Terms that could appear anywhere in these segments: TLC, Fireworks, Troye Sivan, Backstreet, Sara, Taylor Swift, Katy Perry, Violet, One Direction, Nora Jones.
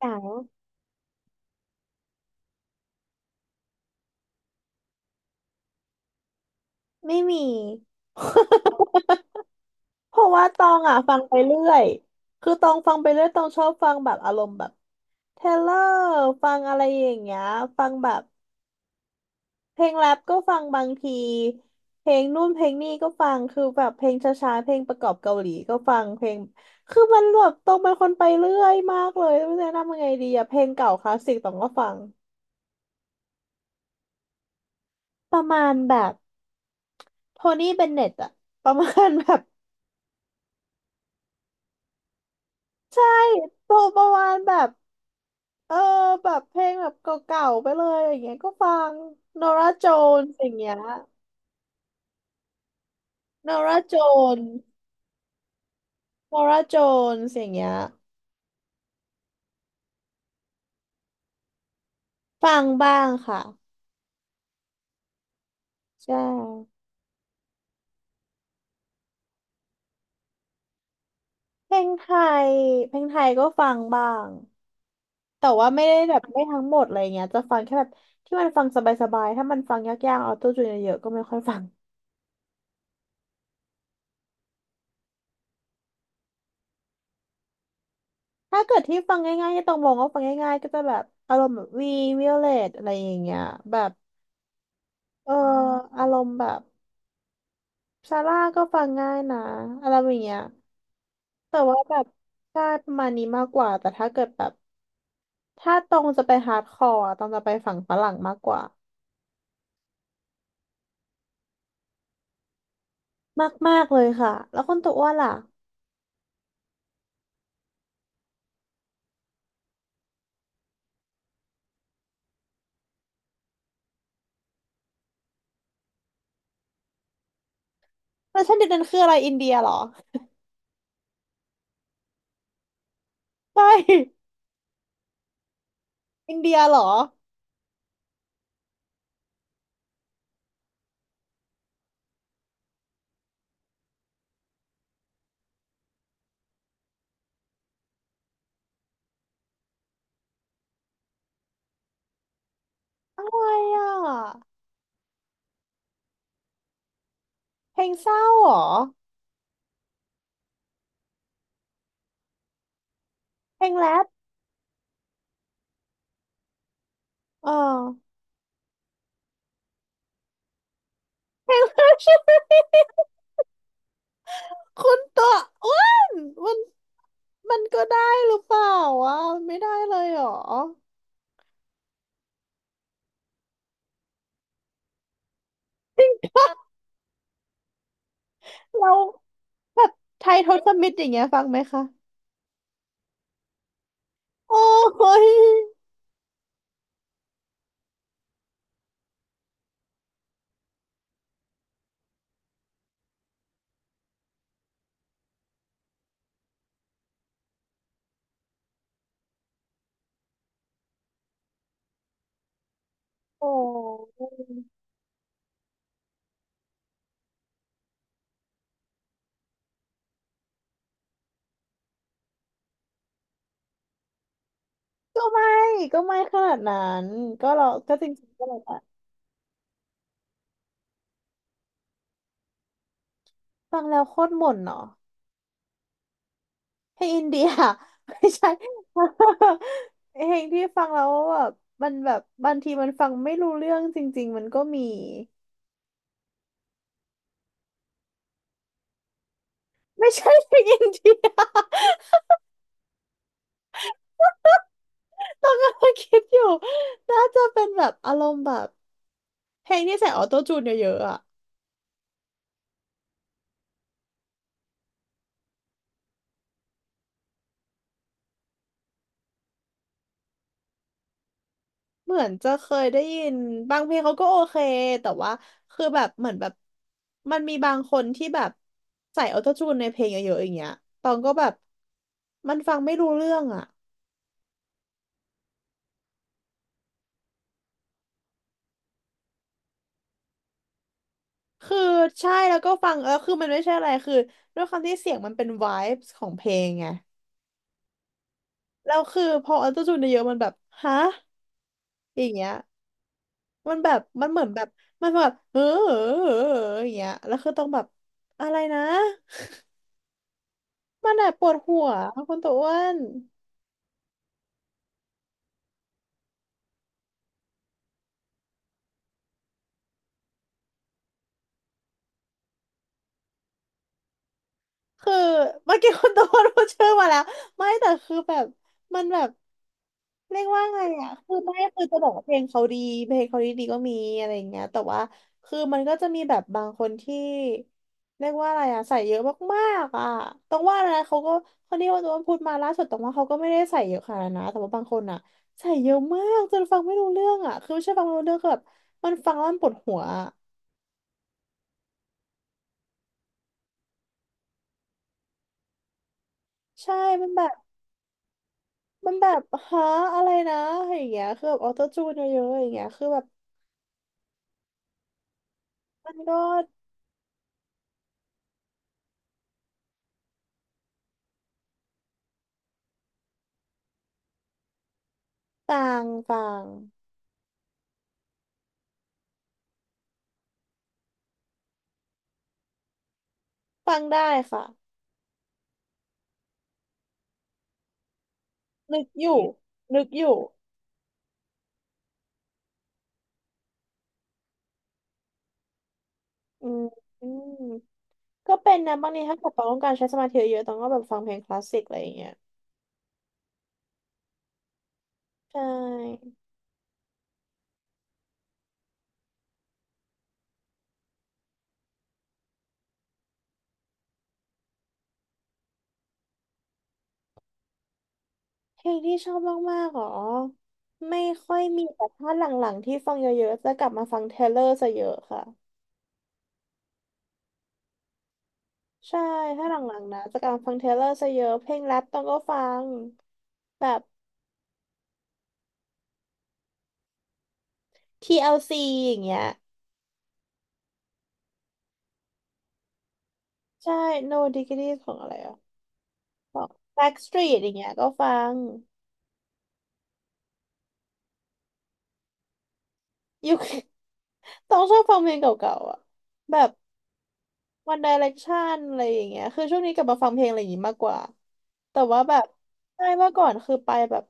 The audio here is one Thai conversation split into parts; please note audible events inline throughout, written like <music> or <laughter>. หนังไม่มี <laughs> เพราะว่าตองอ่ะฟังไปเรื่อยคือตองฟังไปเรื่อยตองชอบฟังแบบอารมณ์แบบเทเลอร์ฟังอะไรอย่างเงี้ยฟังแบบเพลงแรปก็ฟังบางทีเพลงนู่นเพลงนี่ก็ฟังคือแบบเพลงช้าๆเพลงประกอบเกาหลีก็ฟังเพลงคือมันแบบตองเป็นคนไปเรื่อยมากเลยไม่รู้จะแนะนำยังไงดีอะเพลงเก่าคลาสสิกตองก็ฟังประมาณแบบโทนี่เบนเน็ตอะประมาณแบบ <laughs> ใช่โปรประมาณแบบ เออแบบเพลงแบบเก่าๆไปเลยอย่างเงี้ยก็ฟังนอราโจนสอย่างเงี้ยนอราโจนนอร่าโจนสอย่างเงี้ยฟังบ้างค่ะใช่เพลงไทยเพลงไทยก็ฟังบ้างแต่ว่าไม่ได้แบบไม่ทั้งหมดอะไรเงี้ยจะฟังแค่แบบที่มันฟังสบายๆถ้ามันฟังยากๆออโต้จูนเยอะๆก็ไม่ค่อยฟังถ้าเกิดที่ฟังง่ายๆที่ตองมองว่าฟังง่ายๆก็จะแบบอารมณ์แบบวีวิโอเลตอะไรอย่างเงี้ยแบบอมอารมณ์แบบ ซาร่าก็ฟังง่ายนะอะไรอย่างเงี้ยแต่ว่าแบบชาติประมาณนี้มากกว่าแต่ถ้าเกิดแบบถ้าตรงจะไปฮาร์ดคอร์ตรงจะไปฝั่งฝรั่งมากกว่ามากมากเลยค่ะแล้วคนตัวอ้วนล่ะแล้วฉันดิดนันคืออะไรอินเดียเหรอไม่อินเดียเหรออะไรอ่ะเพลงเศร้าเหรอเพลงแรปเออเพลงแรปใช่ไหมคนตัวอ้วนมันมันก็ได้หรือเปล่าวะมันไม่ได้เลยเหรอเรา แบบไทยทศมิตรอย่างเงี้ยฟังไหมคะโอ้ยโอ้ก็ไม่ก็ไม่ขนาดนั้นก็เราก็จริงๆก็เลยว่าฟังแล้วโคตรหม่นเนาะเพลงอินเดีย <laughs> ไม่ใช่ <laughs> เพลงที่ฟังแล้วแบบมันแบบบางทีมันฟังไม่รู้เรื่องจริงๆมันก็มี <laughs> ไม่ใช่เพลงอินเดีย <laughs> ต้องกำลังคิดอยู่น่าจะเป็นแบบอารมณ์แบบเพลงที่ใส่ออโต้จูนเยอะๆอะ เหมือนจะเคยได้ยินบางเพลงเขาก็โอเคแต่ว่าคือแบบเหมือนแบบมันมีบางคนที่แบบใส่ออโต้จูนในเพลงเยอะๆอย่างเงี้ยตองก็แบบมันฟังไม่รู้เรื่องอ่ะคือใช่แล้วก็ฟังเออคือมันไม่ใช่อะไรคือด้วยความที่เสียงมันเป็น vibes ของเพลงไงแล้วคือพอออโต้จูนเยอะๆมันแบบฮะอย่างเงี้ยมันแบบมันเหมือนแบบมันแบบเอออย่างเงี้ยแล้วคือต้องแบบอะไรนะมันแบบปวดหัวคุณตัวอ้วน คือเมื่อกี้คุณโดนพูดชื่อมาแล้วไม่แต่คือแบบมันแบบเรียกว่าไงอ่ะคือไม่คือจะบอกว่าเพลงเขาดีเพลงเขาดีก็มีอะไรอย่างเงี้ยแต่ว่าคือมันก็จะมีแบบบางคนที่เรียกว่าอะไรอ่ะใส่เยอะมากๆอ่ะต้องว่านะเขาก็คนที่ว่าตัวพูดมาล่าสุดต้องว่าเขาก็ไม่ได้ใส่เยอะขนาดนั้นนะแต่ว่าบางคนอ่ะใส่เยอะมากจนฟังไม่รู้เรื่องอ่ะคือไม่ใช่ฟังไม่รู้เรื่องคือแบบมันฟังแล้วมันปวดหัวอะใช่มันแบบ มันแบบฮะอะไรนะอย่างเงี้ยคือแบบออโต้จูนเยอะๆอย่างเงี้ยคือแบบมันก็ต่างต่างฟังได้ค่ะนึกอยู่นึกอยู่อืมอืมก็เป็นนะบางทีถ้าเกิดต้องการใช้สมาธิเยอะต้องก็แบบฟังเพลงคลาสสิกอะไรอย่างเงี้ยใช่เพลงที่ชอบมากๆหรอไม่ค่อยมีแต่ถ้าหลังๆที่ฟังเยอะๆจะกลับมาฟังเทเลอร์ซะเยอะค่ะใช่ถ้าหลังๆนะจะกลับมาฟังเทเลอร์ซะเยอะเพลงแรปต้องก็ฟังแบบ TLC อลซีอย่างเงี้ยใช่ No Degrees ของอะไรอ่ะของ Backstreet อย่างเงี้ยก็ฟังยุค <laughs> ต้องชอบฟังเพลงเก่าๆอ่ะแบบ One Direction อะไรอย่างเงี้ยคือช่วงนี้กลับมาฟังเพลงอะไรอย่างงี้มากกว่าแต่ว่าแบบใช่เมื่อก่อนคือไปแบบ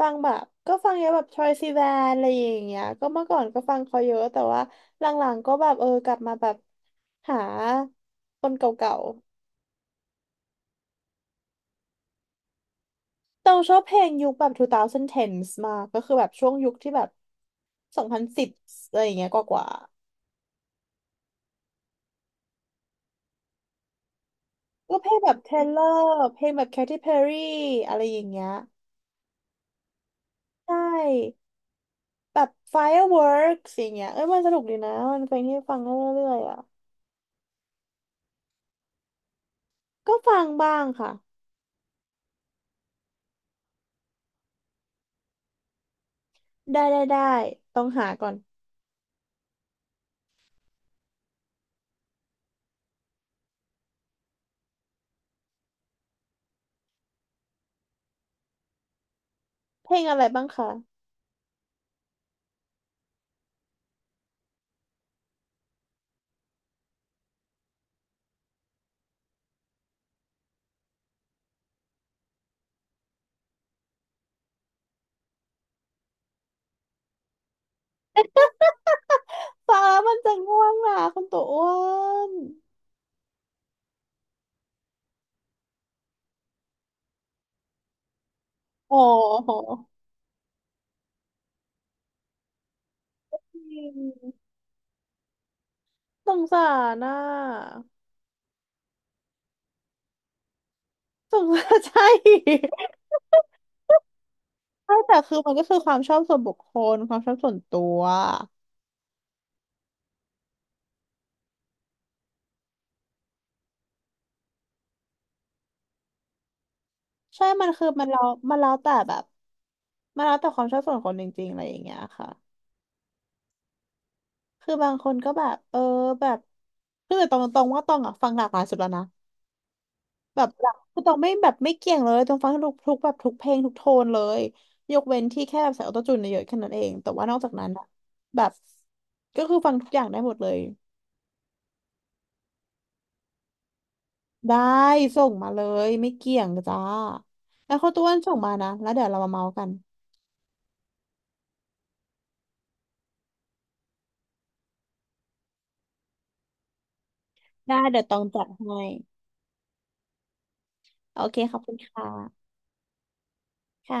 ฟังแบบก็ฟังเยอะแบบ Troye Sivan อะไรอย่างเงี้ยก็เมื่อก่อนก็ฟังเขาเยอะแต่ว่าหลังๆก็แบบเออกลับมาแบบหาคนเก่าๆ เราชอบเพลงยุคแบบ 2010s มากก็คือแบบช่วงยุคที่แบบ2010องพันสิบอะไรอย่างเงี้ยกว่ากว่าก็เพลงแบบเทเลอร์เพลงแบบ Katy Perry อะไรอย่างเงี้ยใช่แบบ Fireworks อย่างเงี้ยเอ้ยมันสนุกดีนะมันเป็นเพลงที่ฟังได้เรื่อยๆอ่ะก็ฟังบ้างค่ะได้ได้ได้ต้องหาก่อนเพลงอะไรบ้างคะฟัง้ามันจะง่วงนะคุณตัวอ้วนโอ้โหสงสารน่ะสงสาร <laughs> ใช่ ใช่แต่คือมันก็คือความชอบส่วนบุคคลความชอบส่วนตัวใช่มันคือมันแล้วแต่แบบมันแล้วแต่ความชอบส่วนคนจริงๆอะไรอย่างเงี้ยค่ะคือบางคนก็แบบเออแบบคือตรงตรงๆว่าตองอ่ะฟังหลากหลายสุดแล้วนะแบบหลักคือตองไม่แบบไม่เกี่ยงเลยตองฟังทุกแบบทุกเพลงทุกโทนเลยยกเว้นที่แค่แบบใส่ออโต้จูนเยอะๆแค่นั้นเองแต่ว่านอกจากนั้นอะแบบก็คือฟังทุกอย่างได้หมดเลย ได้ส่งมาเลยไม่เกี่ยงจ้าแล้วเขาวต้วนส่งมานะแล้วเดี๋ยวเรามาเมาส์กันได้เดี๋ยวต้องจัดให้โอเคขอบคุณค่ะค่ะ